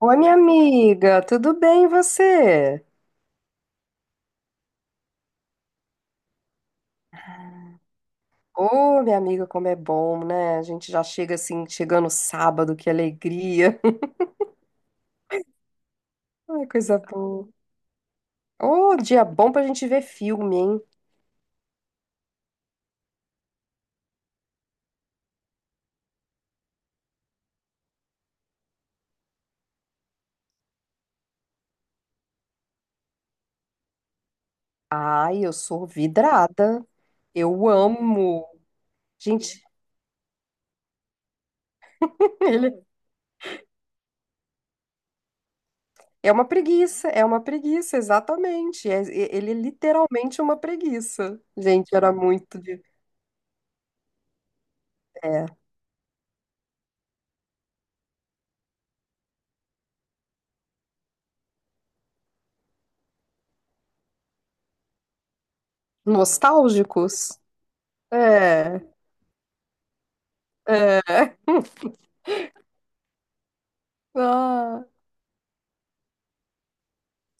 Oi, minha amiga, tudo bem e você? Ô, minha amiga, como é bom, né? A gente já chega assim, chegando sábado, que alegria. Ai, coisa boa. Ô, dia bom pra gente ver filme, hein? Ai, eu sou vidrada. Eu amo. Gente, ele é uma preguiça, exatamente. Ele é literalmente uma preguiça. Gente, era muito de... É, nostálgicos. É, é. Ah.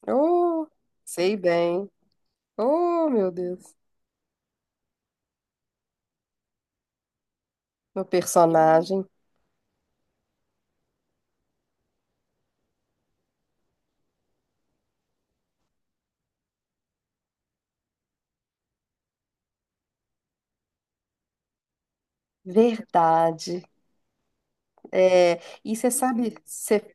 Oh, sei bem. Oh, meu Deus. Meu personagem. Verdade. É, e você sabe, você.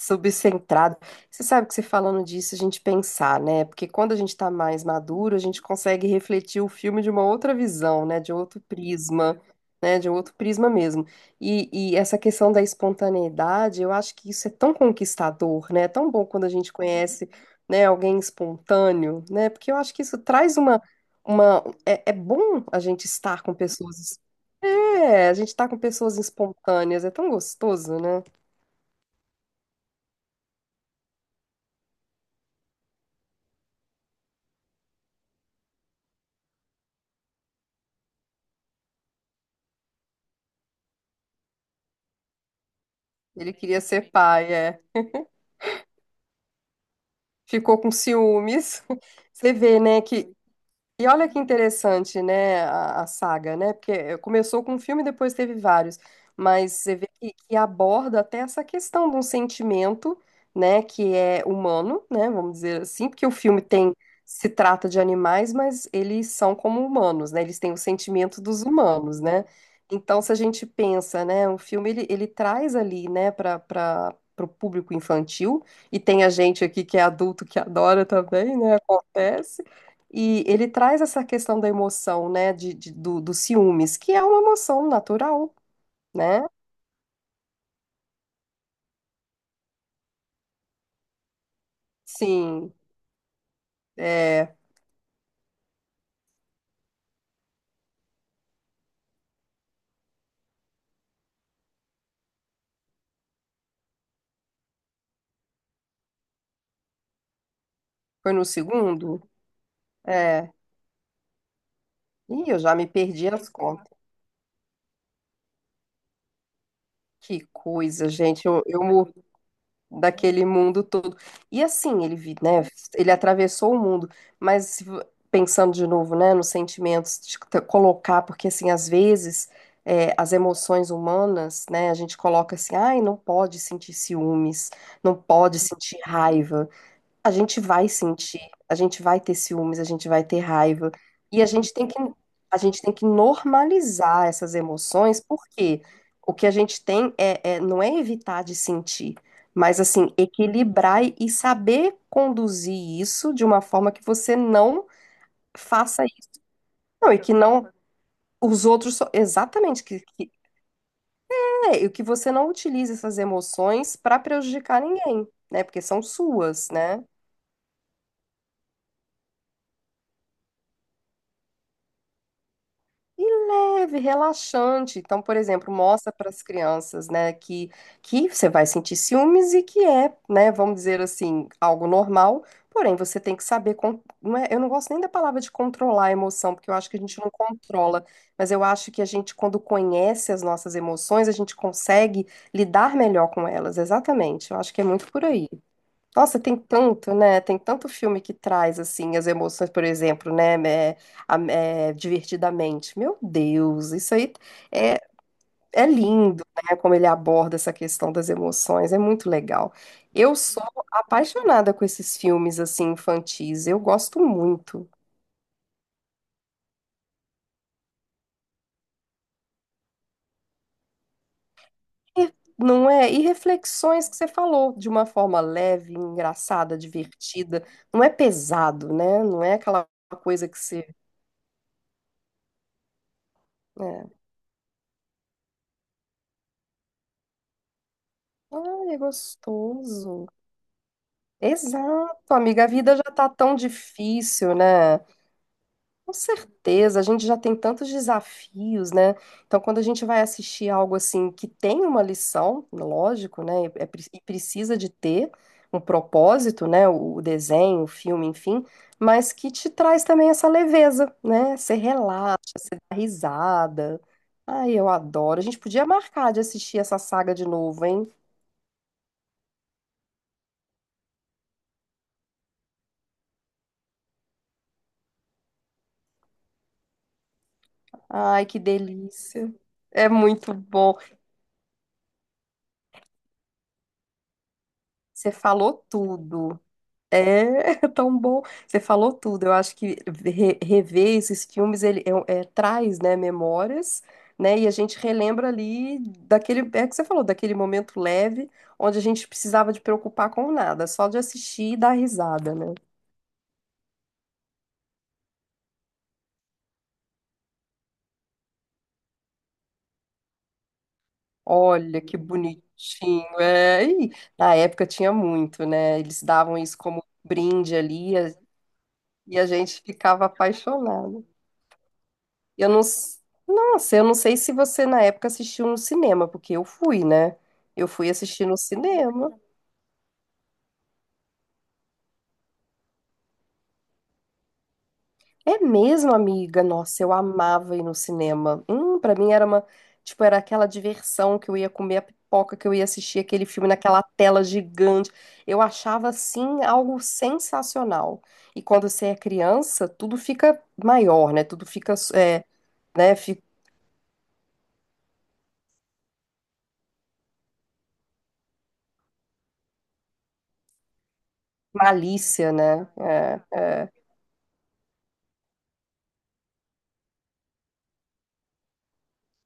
Subcentrado. Você sabe que você falando disso, a gente pensar, né? Porque quando a gente tá mais maduro, a gente consegue refletir o filme de uma outra visão, né? De outro prisma, né? De outro prisma mesmo. E essa questão da espontaneidade, eu acho que isso é tão conquistador, né? É tão bom quando a gente conhece, né, alguém espontâneo, né? Porque eu acho que isso traz uma... É, é bom a gente estar com pessoas... É, a gente tá com pessoas espontâneas, é tão gostoso, né? Ele queria ser pai, é. Ficou com ciúmes. Você vê, né, que e olha que interessante, né, a saga, né? Porque eh, começou com um filme, depois teve vários, mas você vê que aborda até essa questão de um sentimento, né, que é humano, né, vamos dizer assim, porque o filme tem se trata de animais, mas eles são como humanos, né? Eles têm o sentimento dos humanos, né? Então, se a gente pensa, né, o filme ele, ele traz ali, né, para o público infantil, e tem a gente aqui que é adulto que adora também, né? Acontece. E ele traz essa questão da emoção, né, de- do, dos ciúmes, que é uma emoção natural, né? Sim, é, foi no segundo? É. Ih, eu já me perdi as contas. Que coisa, gente. Eu, daquele mundo todo. E assim, ele, vi- né, ele atravessou o mundo, mas se vo- pensando de novo, né, nos sentimentos, de te- colocar, porque assim, às vezes é, as emoções humanas, né, a gente coloca assim, ai, não pode sentir ciúmes, não pode sentir raiva, a gente vai sentir, a gente vai ter ciúmes, a gente vai ter raiva. E a gente tem que, a gente tem que normalizar essas emoções, porque o que a gente tem é, é- não é evitar de sentir, mas assim, equilibrar e saber conduzir isso de uma forma que você não faça isso, não, e que não os outros, so- exatamente, que, é, e que você não utilize essas emoções para prejudicar ninguém, né? Porque são suas, né? E leve, relaxante. Então, por exemplo, mostra para as crianças, né, que você vai sentir ciúmes e que é, né, vamos dizer assim, algo normal, porém você tem que saber, con- não é- eu não gosto nem da palavra de controlar a emoção, porque eu acho que a gente não controla, mas eu acho que a gente, quando conhece as nossas emoções, a gente consegue lidar melhor com elas, exatamente. Eu acho que é muito por aí. Nossa, tem tanto, né? Tem tanto filme que traz, assim, as emoções, por exemplo, né? É, a- é, Divertidamente. Meu Deus, isso aí é, é lindo, né? Como ele aborda essa questão das emoções, é muito legal. Eu sou apaixonada com esses filmes, assim, infantis, eu gosto muito. E- Não é? E reflexões que você falou, de uma forma leve, engraçada, divertida. Não é pesado, né? Não é aquela coisa que você... É. Ai, é gostoso. Exato, amiga. A vida já tá tão difícil, né? Com certeza, a gente já tem tantos desafios, né? Então, quando a gente vai assistir algo assim que tem uma lição, lógico, né? E, é pre- e precisa de ter um propósito, né? O desenho, o filme, enfim, mas que te traz também essa leveza, né? Você relaxa, você dá risada. Ai, eu adoro. A gente podia marcar de assistir essa saga de novo, hein? Ai, que delícia. É muito bom. Você falou tudo. É tão bom. Você falou tudo. Eu acho que re- rever esses filmes ele é, é- traz, né, memórias, né? E a gente relembra ali daquele, é o que você falou, daquele momento leve onde a gente precisava de preocupar com nada, só de assistir e dar risada, né? Olha que bonitinho. É, e na época tinha muito, né? Eles davam isso como brinde ali e a gente ficava apaixonado. Eu não. s- Nossa, eu não sei se você na época assistiu no cinema, porque eu fui, né? Eu fui assistir no cinema. É mesmo, amiga? Nossa, eu amava ir no cinema. Para mim era uma, tipo, era aquela diversão que eu ia comer a pipoca, que eu ia assistir aquele filme naquela tela gigante. Eu achava assim algo sensacional. E quando você é criança, tudo fica maior, né? Tudo fica, é, né? Fica malícia, né? É. É.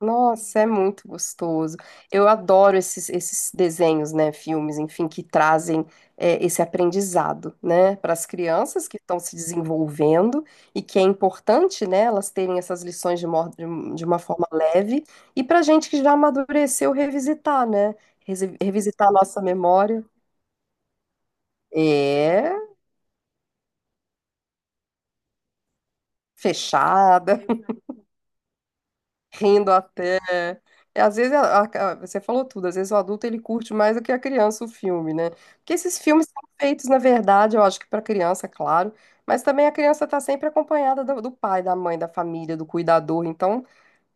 Nossa, é muito gostoso. Eu adoro esses desenhos, né, filmes, enfim, que trazem é, esse aprendizado, né, para as crianças que estão se desenvolvendo e que é importante, né, elas terem essas lições de, mor- de um- de uma forma leve e para a gente que já amadureceu revisitar, né, resi- revisitar a nossa memória. É fechada. Rindo até. É, às vezes, a- você falou tudo, às vezes o adulto ele curte mais do que a criança o filme, né? Porque esses filmes são feitos, na verdade, eu acho que para criança, claro, mas também a criança está sempre acompanhada do, do pai, da mãe, da família, do cuidador. Então,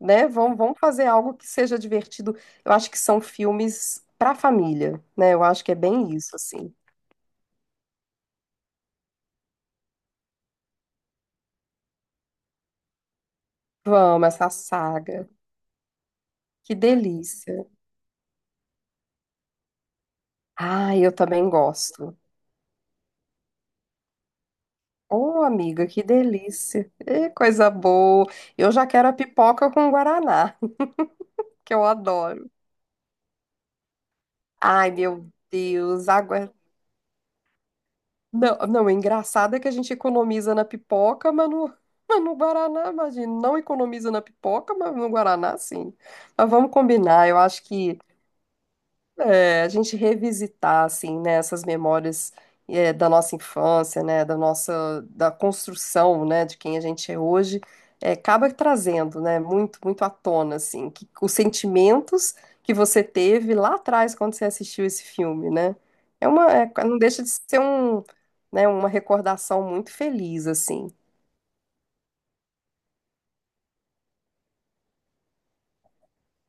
né, vamos, vamos fazer algo que seja divertido. Eu acho que são filmes para família, né? Eu acho que é bem isso, assim. Vamos, essa saga. Que delícia. Ah, eu também gosto. Ô, amiga, que delícia. Ê, coisa boa. Eu já quero a pipoca com guaraná, que eu adoro. Ai, meu Deus, água. É Não, não, o engraçado é que a gente economiza na pipoca, mas no, mas no guaraná, imagina. Não economiza na pipoca, mas no guaraná, sim. Mas vamos combinar. Eu acho que é, a gente revisitar, assim, né, essas memórias é, da nossa infância, né, da nossa, da construção, né, de quem a gente é hoje, é, acaba trazendo, né, muito, muito à tona, assim, que, os sentimentos que você teve lá atrás quando você assistiu esse filme, né, é uma, é, não deixa de ser um, né, uma recordação muito feliz, assim.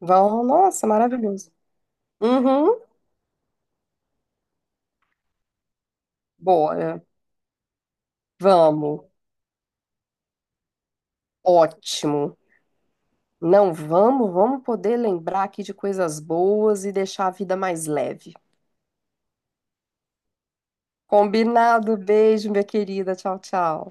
Vão, nossa, maravilhoso. Uhum, bora, vamos, ótimo. Não, vamos, vamos poder lembrar aqui de coisas boas e deixar a vida mais leve. Combinado, beijo, minha querida. Tchau, tchau.